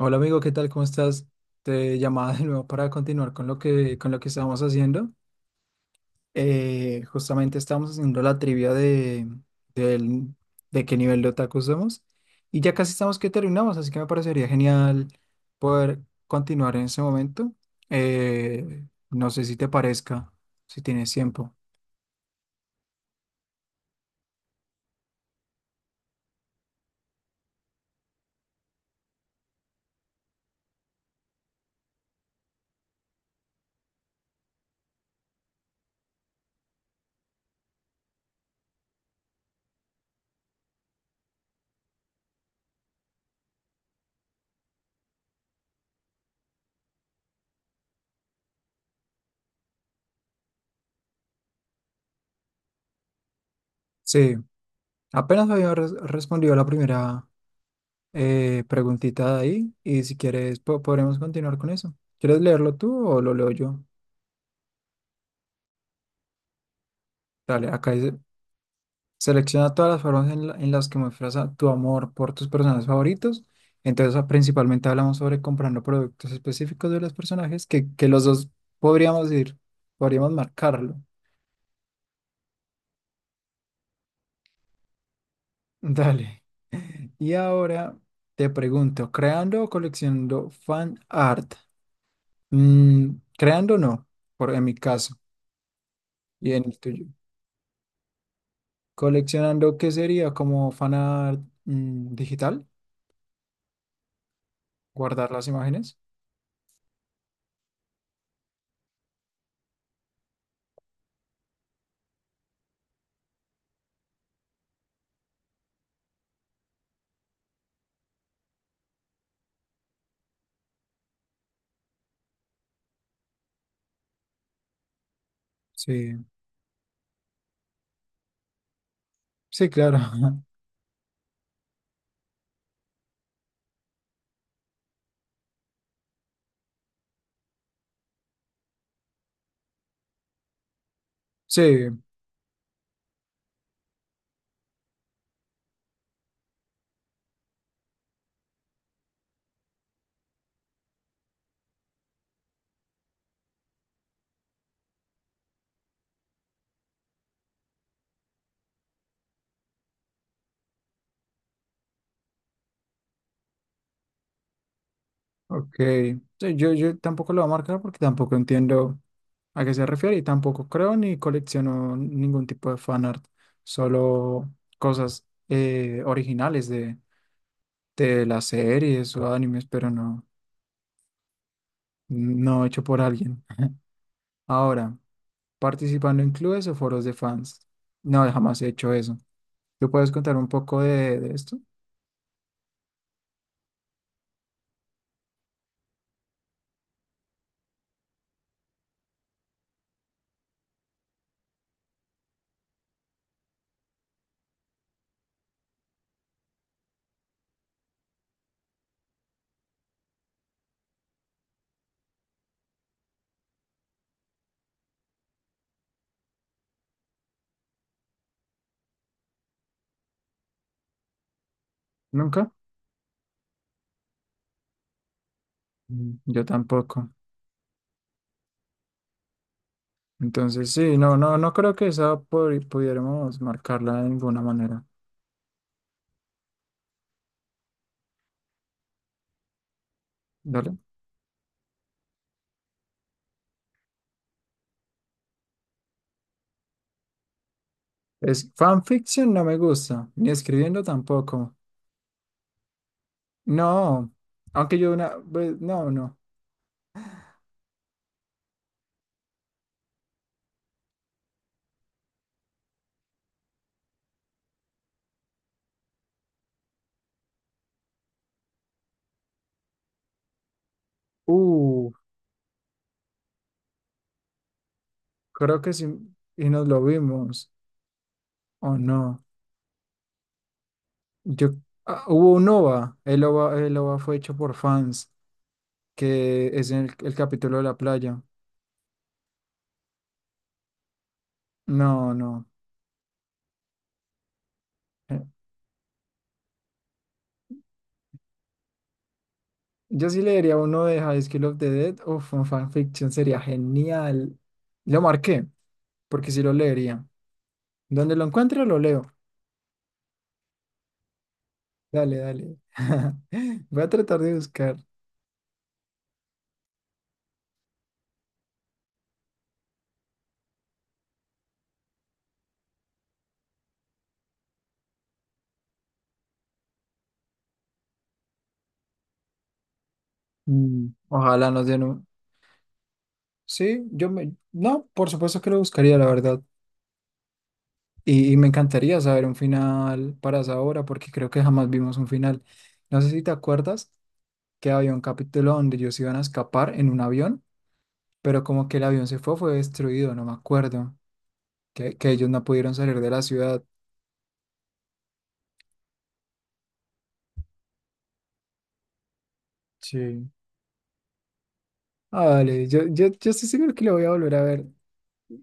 Hola amigo, ¿qué tal? ¿Cómo estás? Te llamaba de nuevo para continuar con lo que estábamos haciendo. Justamente estábamos haciendo la trivia de, del- de qué nivel de otaku somos, y ya casi estamos que terminamos, así que me parecería genial poder continuar en ese momento. No sé si te parezca, si tienes tiempo. Sí, apenas había respondido a la primera preguntita de ahí, y si quieres podremos continuar con eso. ¿Quieres leerlo tú o lo leo yo? Dale, acá dice: selecciona todas las formas en las que muestras tu amor por tus personajes favoritos. Entonces, ah, principalmente hablamos sobre comprando productos específicos de los personajes que los dos podríamos ir, podríamos marcarlo. Dale. Y ahora te pregunto, ¿creando o coleccionando fan art? Mm, creando no, por, en mi caso, y en el tuyo. ¿Coleccionando qué sería como fan art, mm, digital? ¿Guardar las imágenes? Sí, sí, claro. Sí, ok. Sí, yo tampoco lo voy a marcar porque tampoco entiendo a qué se refiere, y tampoco creo ni colecciono ningún tipo de fanart, solo cosas originales de las series o animes, pero no, no hecho por alguien. Ahora, participando en clubes o foros de fans. No, jamás he hecho eso. ¿Tú puedes contar un poco de esto? ¿Nunca? Mm, yo tampoco. Entonces, sí, no, no, no creo que esa pudiéramos marcarla de ninguna manera. Dale. Es fanfiction, no me gusta, ni escribiendo tampoco. No, aunque yo una vez, no, no. Uh, creo que sí, y nos lo vimos, o no. Yo, ah, hubo un OVA, fue hecho por fans, que es el capítulo de la playa. No, no. Yo sí leería uno de High School of the Dead. Uf, un fanfiction sería genial. Lo marqué, porque sí lo leería. Donde lo encuentro, lo leo. Dale, dale. Voy a tratar de buscar. Mm, ojalá nos den un... Sí, yo me... No, por supuesto que lo buscaría, la verdad. Y me encantaría saber un final para esa obra, porque creo que jamás vimos un final. No sé si te acuerdas que había un capítulo donde ellos iban a escapar en un avión, pero como que el avión fue destruido, no me acuerdo. Que ellos no pudieron salir de la ciudad. Sí. Ah, vale, yo estoy seguro que lo voy a volver a ver,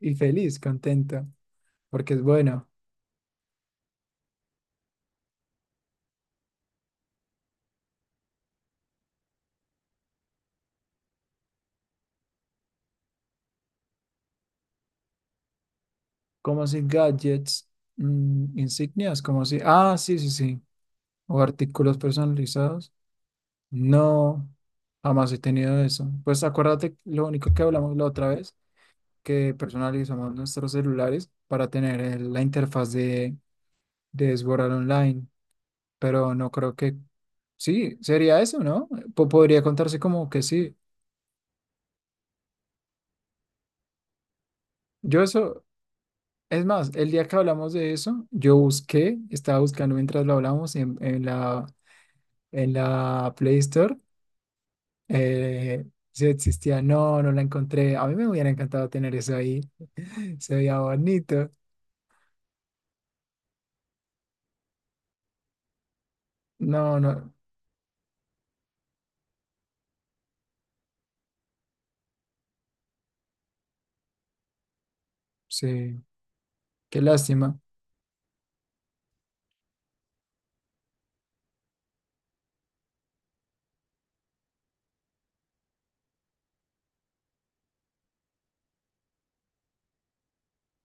y feliz, contento, porque es bueno. Como si gadgets, mm, insignias, como si, ah, sí, sí, sí, o artículos personalizados. No, jamás he tenido eso. Pues acuérdate, lo único que hablamos la otra vez, que personalizamos nuestros celulares para tener la interfaz de Sword Art Online. Pero no creo que sí, sería eso, ¿no? Podría contarse como que sí. Yo eso, es más, el día que hablamos de eso, yo busqué, estaba buscando mientras lo hablamos en la Play Store, eh, si existía, no, no la encontré. A mí me hubiera encantado tener eso ahí, se veía bonito. No, no, sí, qué lástima.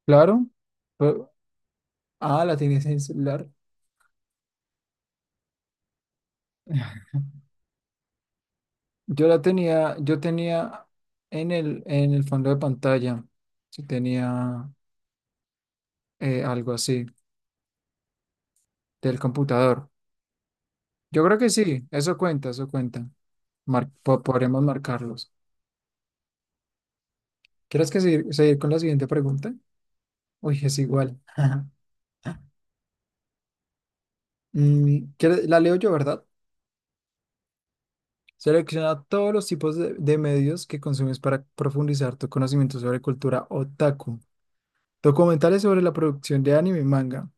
Claro, pero- ah, la tienes en el celular. Yo la tenía, yo tenía en el fondo de pantalla, si tenía algo así del computador. Yo creo que sí, eso cuenta, eso cuenta. Podremos marcarlos. ¿ Seguir con la siguiente pregunta? Uy, es igual. Mm, ¿quieres- la leo yo, ¿verdad? Selecciona todos los tipos de medios que consumes para profundizar tu conocimiento sobre cultura otaku. Documentales sobre la producción de anime y manga.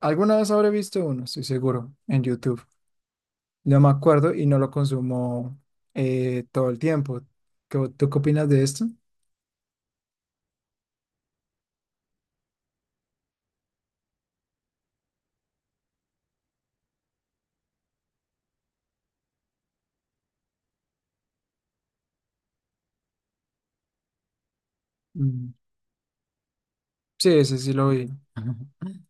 ¿Alguna vez habré visto uno? Estoy seguro, en YouTube. No me acuerdo y no lo consumo todo el tiempo. ¿Qué- ¿tú qué opinas de esto? Mm, sí, ese sí lo vi.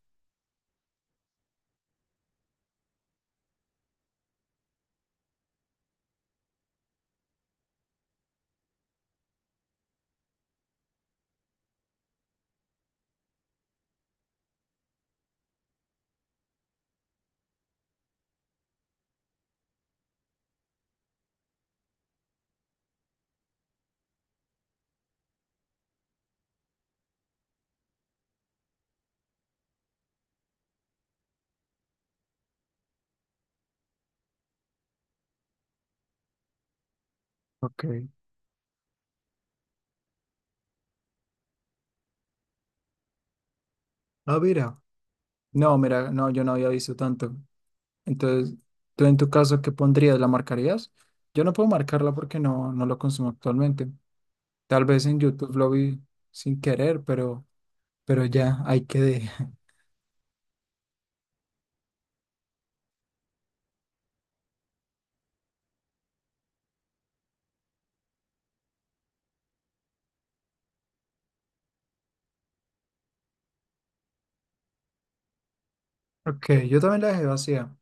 Ok. Ah, mira. No, mira, no, yo no había visto tanto. Entonces, ¿tú en tu caso qué pondrías? ¿La marcarías? Yo no puedo marcarla porque no, no lo consumo actualmente. Tal vez en YouTube lo vi sin querer, pero ya, ahí quedé. Ok, yo también la dejé vacía.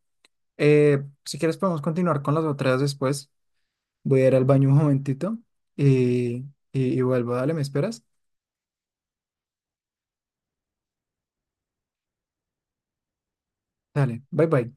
Si quieres podemos continuar con las otras después. Voy a ir al baño un momentito y, y vuelvo. Dale, ¿me esperas? Dale, bye bye.